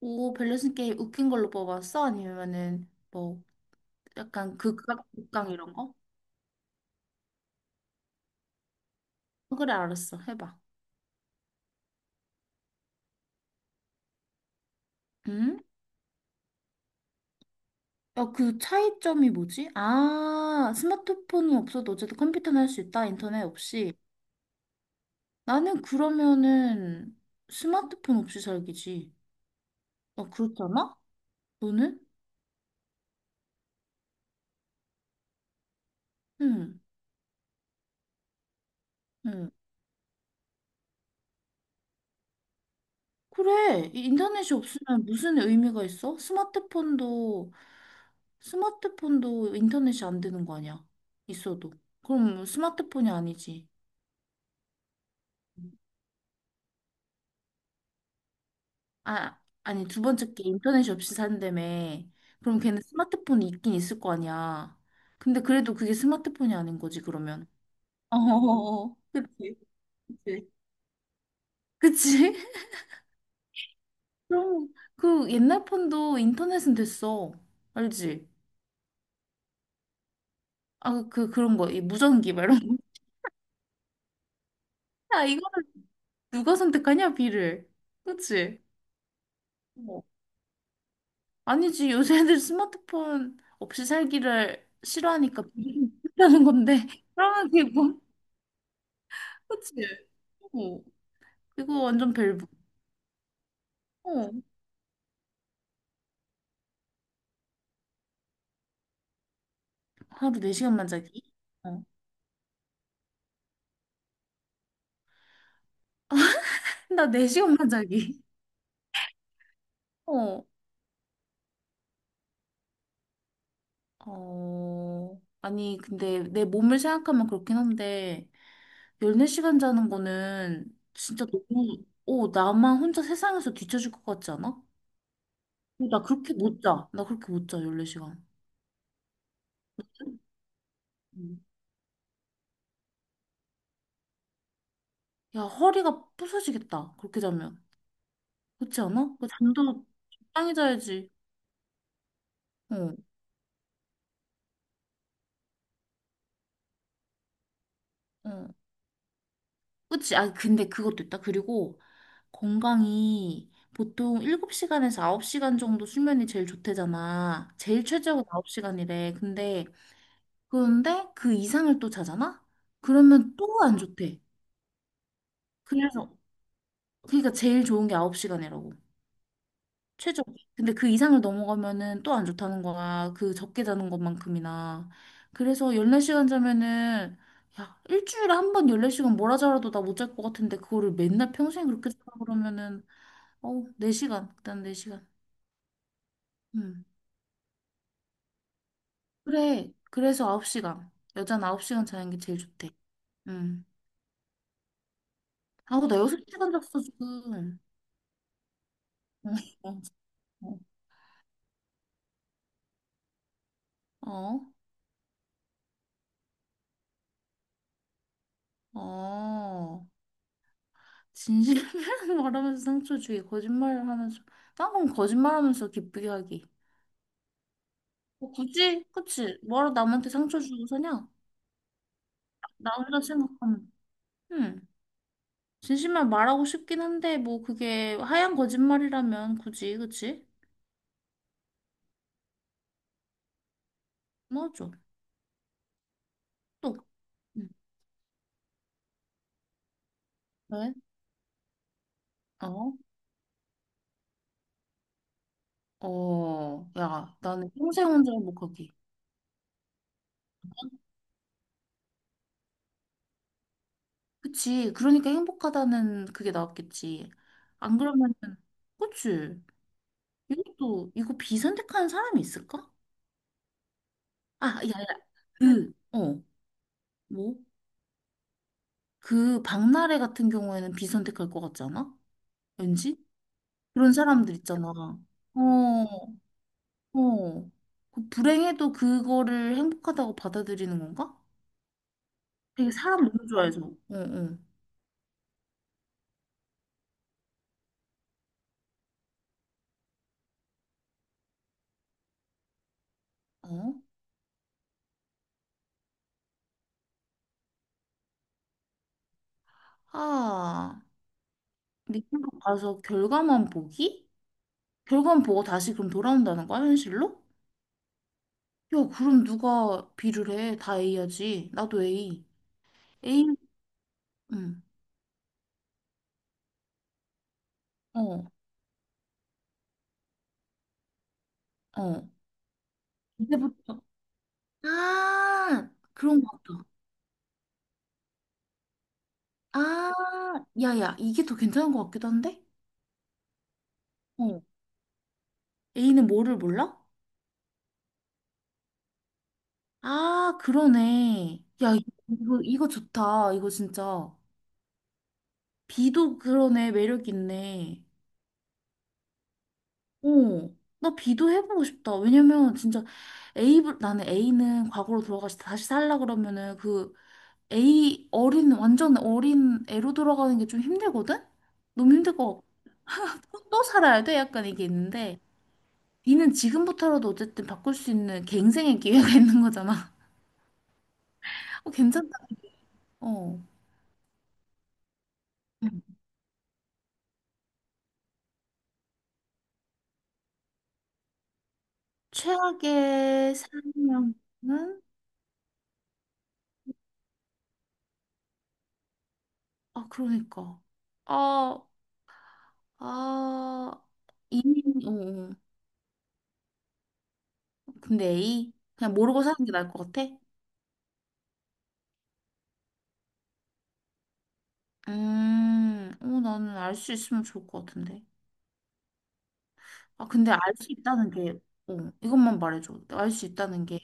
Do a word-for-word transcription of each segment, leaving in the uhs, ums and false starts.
오, 밸런스 게임 웃긴 걸로 뽑았어? 아니면은 뭐 약간 극강, 극강 이런 거? 어, 그래, 알았어. 해봐. 응? 야, 그 차이점이 뭐지? 아, 스마트폰은 없어도 어쨌든 컴퓨터는 할 수 있다. 인터넷 없이. 나는 그러면은 스마트폰 없이 살기지. 어, 그렇잖아? 너는? 응, 응. 그래. 이 인터넷이 없으면 무슨 의미가 있어? 스마트폰도 스마트폰도 인터넷이 안 되는 거 아니야? 있어도. 그럼 스마트폰이 아니지. 아, 아니, 두 번째 게 인터넷이 없이 산다며. 그럼 걔는 스마트폰이 있긴 있을 거 아니야. 근데 그래도 그게 스마트폰이 아닌 거지, 그러면. 어, 그치, 그치. 그치? 그럼 그 옛날 폰도 인터넷은 됐어. 알지? 아, 그, 그런 거, 이 무전기, 막 이런 거. 야, 이거를 누가 선택하냐, 비를. 그치? 아니지, 요새 애들 스마트폰 없이 살기를 싫어하니까 그러는 건데. 그러면 그게 뭐, 그치? 어, 이거 완전 벨브. 어, 하루 네 시간만 자기? 어, 나 네 시간만 자기. 어, 어, 아니, 근데 내 몸을 생각하면 그렇긴 한데, 십사 시간 자는 거는 진짜 너무, 어, 나만 혼자 세상에서 뒤처질 것 같지 않아? 어, 나 그렇게 못 자. 나 그렇게 못 자, 십사 시간. 야, 허리가 부서지겠다. 그렇게 자면. 그렇지 않아? 그 잠도 적당히 자야지. 어, 어. 그치? 아, 근데 그것도 있다. 그리고 건강이 보통 일곱 시간에서 아홉 시간 정도 수면이 제일 좋대잖아. 제일 최저가 아홉 시간이래. 근데, 그런데 그 이상을 또 자잖아? 그러면 또 안 좋대. 그래서, 그러니까 제일 좋은 게 아홉 시간이라고. 최저. 근데 그 이상을 넘어가면은 또 안 좋다는 거야. 그 적게 자는 것만큼이나. 그래서 십사 시간 자면은, 야, 일주일에 한 번 십사 시간 뭐라 자라도 나 못 잘 것 같은데, 그거를 맨날 평생 그렇게 자라 그러면은, 어우, 네 시간. 일단 네 시간. 음. 그래. 그래서 아홉 시간. 여자는 아홉 시간 자는 게 제일 좋대. 음. 아, 나 여섯 시간 잤어, 지금. 어, 어, 어. 진실을 말하면서 상처 주기, 거짓말을 하면서, 난 그럼 거짓말하면서 기쁘게 하기. 뭐 굳이, 그치? 뭐러 남한테 상처 주고 사냐? 나 혼자 생각하면. 응. 진심만 말하고 싶긴 한데, 뭐 그게 하얀 거짓말이라면 굳이, 그치? 맞아. 또. 응. 왜? 어? 어, 야, 나는 평생 혼자 행복하기. 그치? 그러니까 행복하다는 그게 나왔겠지. 안 그러면은, 그치? 이것도, 이거 비선택하는 사람이 있을까? 아, 야야. 그, 어, 뭐? 그 박나래 같은 경우에는 비선택할 것 같지 않아? 왠지? 그런 사람들 있잖아. 어, 어. 그 불행해도 그거를 행복하다고 받아들이는 건가? 되게 사람 너무 좋아해서. 어, 어. 어? 아, 미국 가서 결과만 보기? 결과만 보고 다시 그럼 돌아온다는 거야, 현실로? 야, 그럼 누가 B를 해? 다 A야지. 나도 A. A, 응. 어, 어. 이제부터. 아, 그런 것 같다. 아, 야야, 이게 더 괜찮은 것 같기도 한데? 어, A는 뭐를 몰라? 아, 그러네. 야, 이- 이거, 이거 좋다. 이거 진짜. B도 그러네. 매력 있네. 어, 나 B도 해보고 싶다. 왜냐면 진짜 A, 나는 A는 과거로 돌아가서 다시 살라 그러면은 그 A 어린, 완전 어린 애로 돌아가는 게 좀 힘들거든? 너무 힘들 것 같고. 또 살아야 돼? 약간 이게 있는데. 니는 지금부터라도 어쨌든 바꿀 수 있는 갱생의 기회가 있는 거잖아. 어, 괜찮다. 어. 음. 최악의 상황은? 아, 그러니까. 아, 아, 이미, 어, 어. 근데 A? 그냥 모르고 사는 게 나을 것 같아? 음, 어, 나는 알 수 있으면 좋을 것 같은데. 아, 근데 알 수 있다는 게, 어, 이것만 말해줘. 알 수 있다는 게,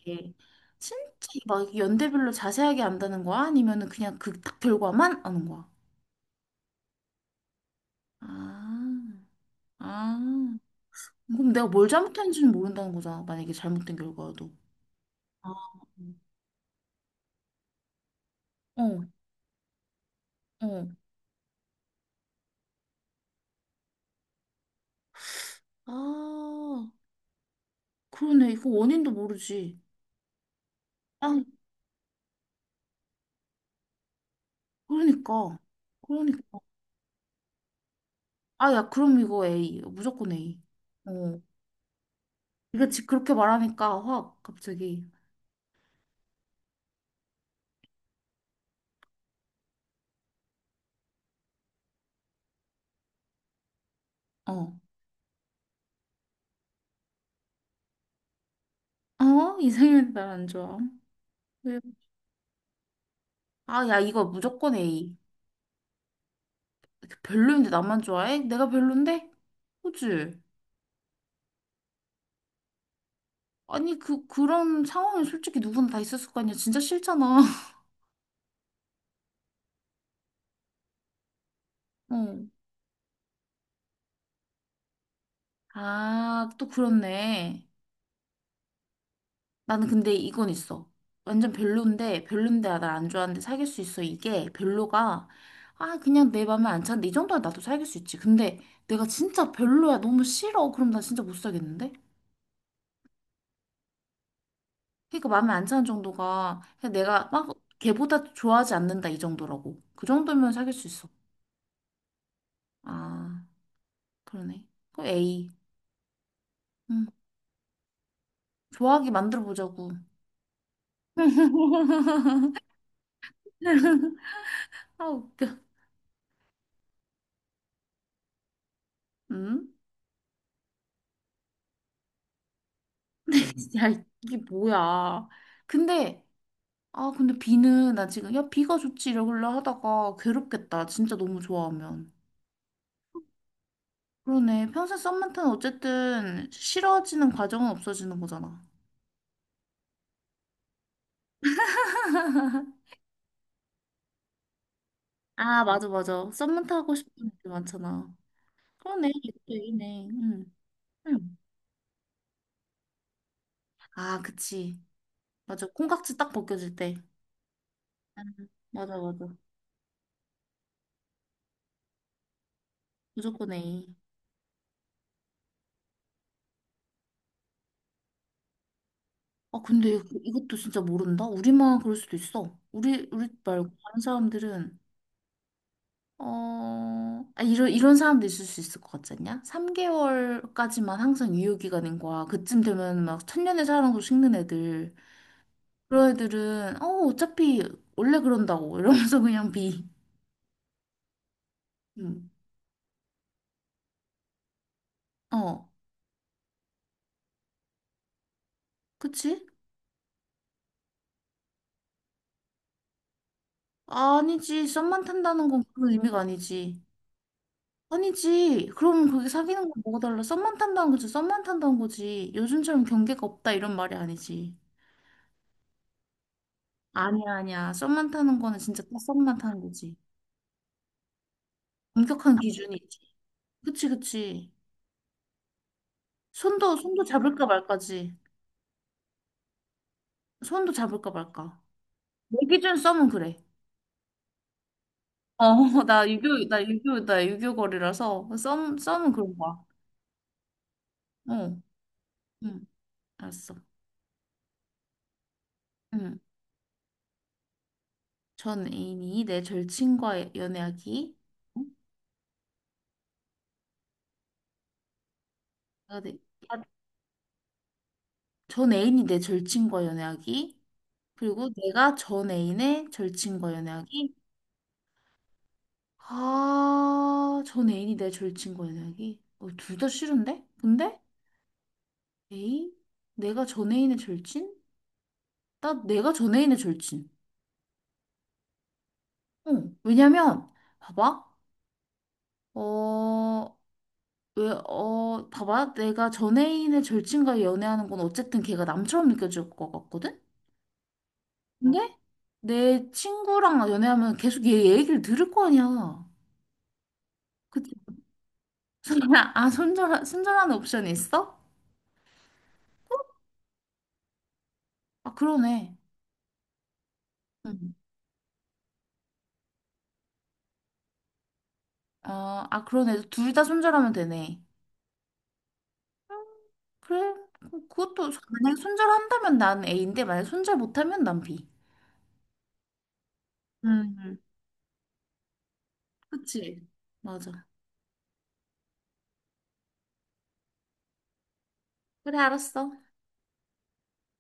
진짜 막 연대별로 자세하게 안다는 거야? 아니면은 그냥 그 딱 결과만 아는 거야? 아, 아. 그럼 내가 뭘 잘못했는지는 모른다는 거잖아. 만약에 잘못된 결과도. 아, 어, 어. 아, 그러네. 이거 원인도 모르지. 아, 그러니까. 그러니까. 아, 야, 그럼 이거 A. 무조건 A. 어. 이거 지 그렇게 말하니까 확 갑자기. 어. 어? 이상형이 날안 좋아. 왜? 아, 야, 이거 무조건 A. 별로인데 나만 좋아해? 내가 별론데? 그치? 아니, 그, 그런 상황이 솔직히 누구나 다 있었을 거 아니야. 진짜 싫잖아. 어. 아, 또 그렇네. 나는 근데 이건 있어. 완전 별론데, 별론데, 아, 나안 좋아하는데 사귈 수 있어. 이게 별로가, 아, 그냥 내 맘에 안 차는데, 이 정도면 나도 사귈 수 있지. 근데 내가 진짜 별로야. 너무 싫어. 그럼 나 진짜 못 사겠는데? 그러니까 맘에 안 차는 정도가, 그냥 내가 막 걔보다 좋아하지 않는다. 이 정도라고. 그 정도면 사귈 수 있어. 아, 그러네. 그럼 A. 응. 좋아하게 만들어 보자고. 아 웃겨. 응? 야 이게 뭐야? 근데 아 근데 비는 나 지금 야 비가 좋지 이러길래 하다가 괴롭겠다. 진짜 너무 좋아하면. 그러네. 평생 썸만 타는 어쨌든 싫어지는 과정은 없어지는 거잖아. 아 맞아 맞아. 썸만 타고 싶은 애들 많잖아. 그러네. 이것 얘기네. 응. 응. 아 그치. 맞아. 콩깍지 딱 벗겨질 때. 응. 맞아 맞아. 무조건 A. 아, 근데 이- 이것도 진짜 모른다? 우리만 그럴 수도 있어. 우리, 우리 말고 다른 사람들은, 어, 아, 이런, 이런 사람도 있을 수 있을 것 같지 않냐? 삼 개월까지만 항상 유효기간인 거야. 그쯤 되면 막 천년의 사랑으로 식는 애들. 그런 애들은, 어, 어차피 원래 그런다고. 이러면서 그냥 비. 음. 어, 그치? 아니지. 썸만 탄다는 건 그런 의미가 아니지. 아니지. 그럼 거기 사귀는 건 뭐가 달라? 썸만 탄다는 거지. 썸만 탄다는 거지. 요즘처럼 경계가 없다 이런 말이 아니지. 아니야, 아니야. 썸만 타는 거는 진짜 딱 썸만 타는 거지. 엄격한 기준이 있지. 그치, 그치. 손도, 손도 잡을까 말까지. 손도 잡을까 말까. 내 기준 썸은 그래. 어, 나 유교, 나 유교, 나 유교걸이라서 썸, 썸은 그런 거야. 어, 응, 알았어. 응. 전 애인이 내 절친과 연애하기. 응? 아, 네. 전 애인이 내 절친과 연애하기. 그리고 내가 전 애인의 절친과 연애하기. 아, 전 애인이 내 절친과 연애하기. 어, 둘 다 싫은데? 근데? 에이? 내가 전 애인의 절친? 나 내가 전 애인의 절친. 어, 왜냐면, 봐봐. 어, 왜, 어, 봐봐. 내가 전 애인의 절친과 연애하는 건 어쨌든 걔가 남처럼 느껴질 것 같거든? 근데 내 친구랑 연애하면 계속 얘 얘기를 들을 거 아니야. 아, 손절, 손절하는 옵션이 있어? 아, 그러네. 응. 어, 아, 그러네. 둘 다 손절하면 되네. 그래. 그- 그것도, 손- 만약에 손절한다면 난 A인데, 만약에 손절 못하면 난 B. 음, 그치. 맞아. 그래, 알았어.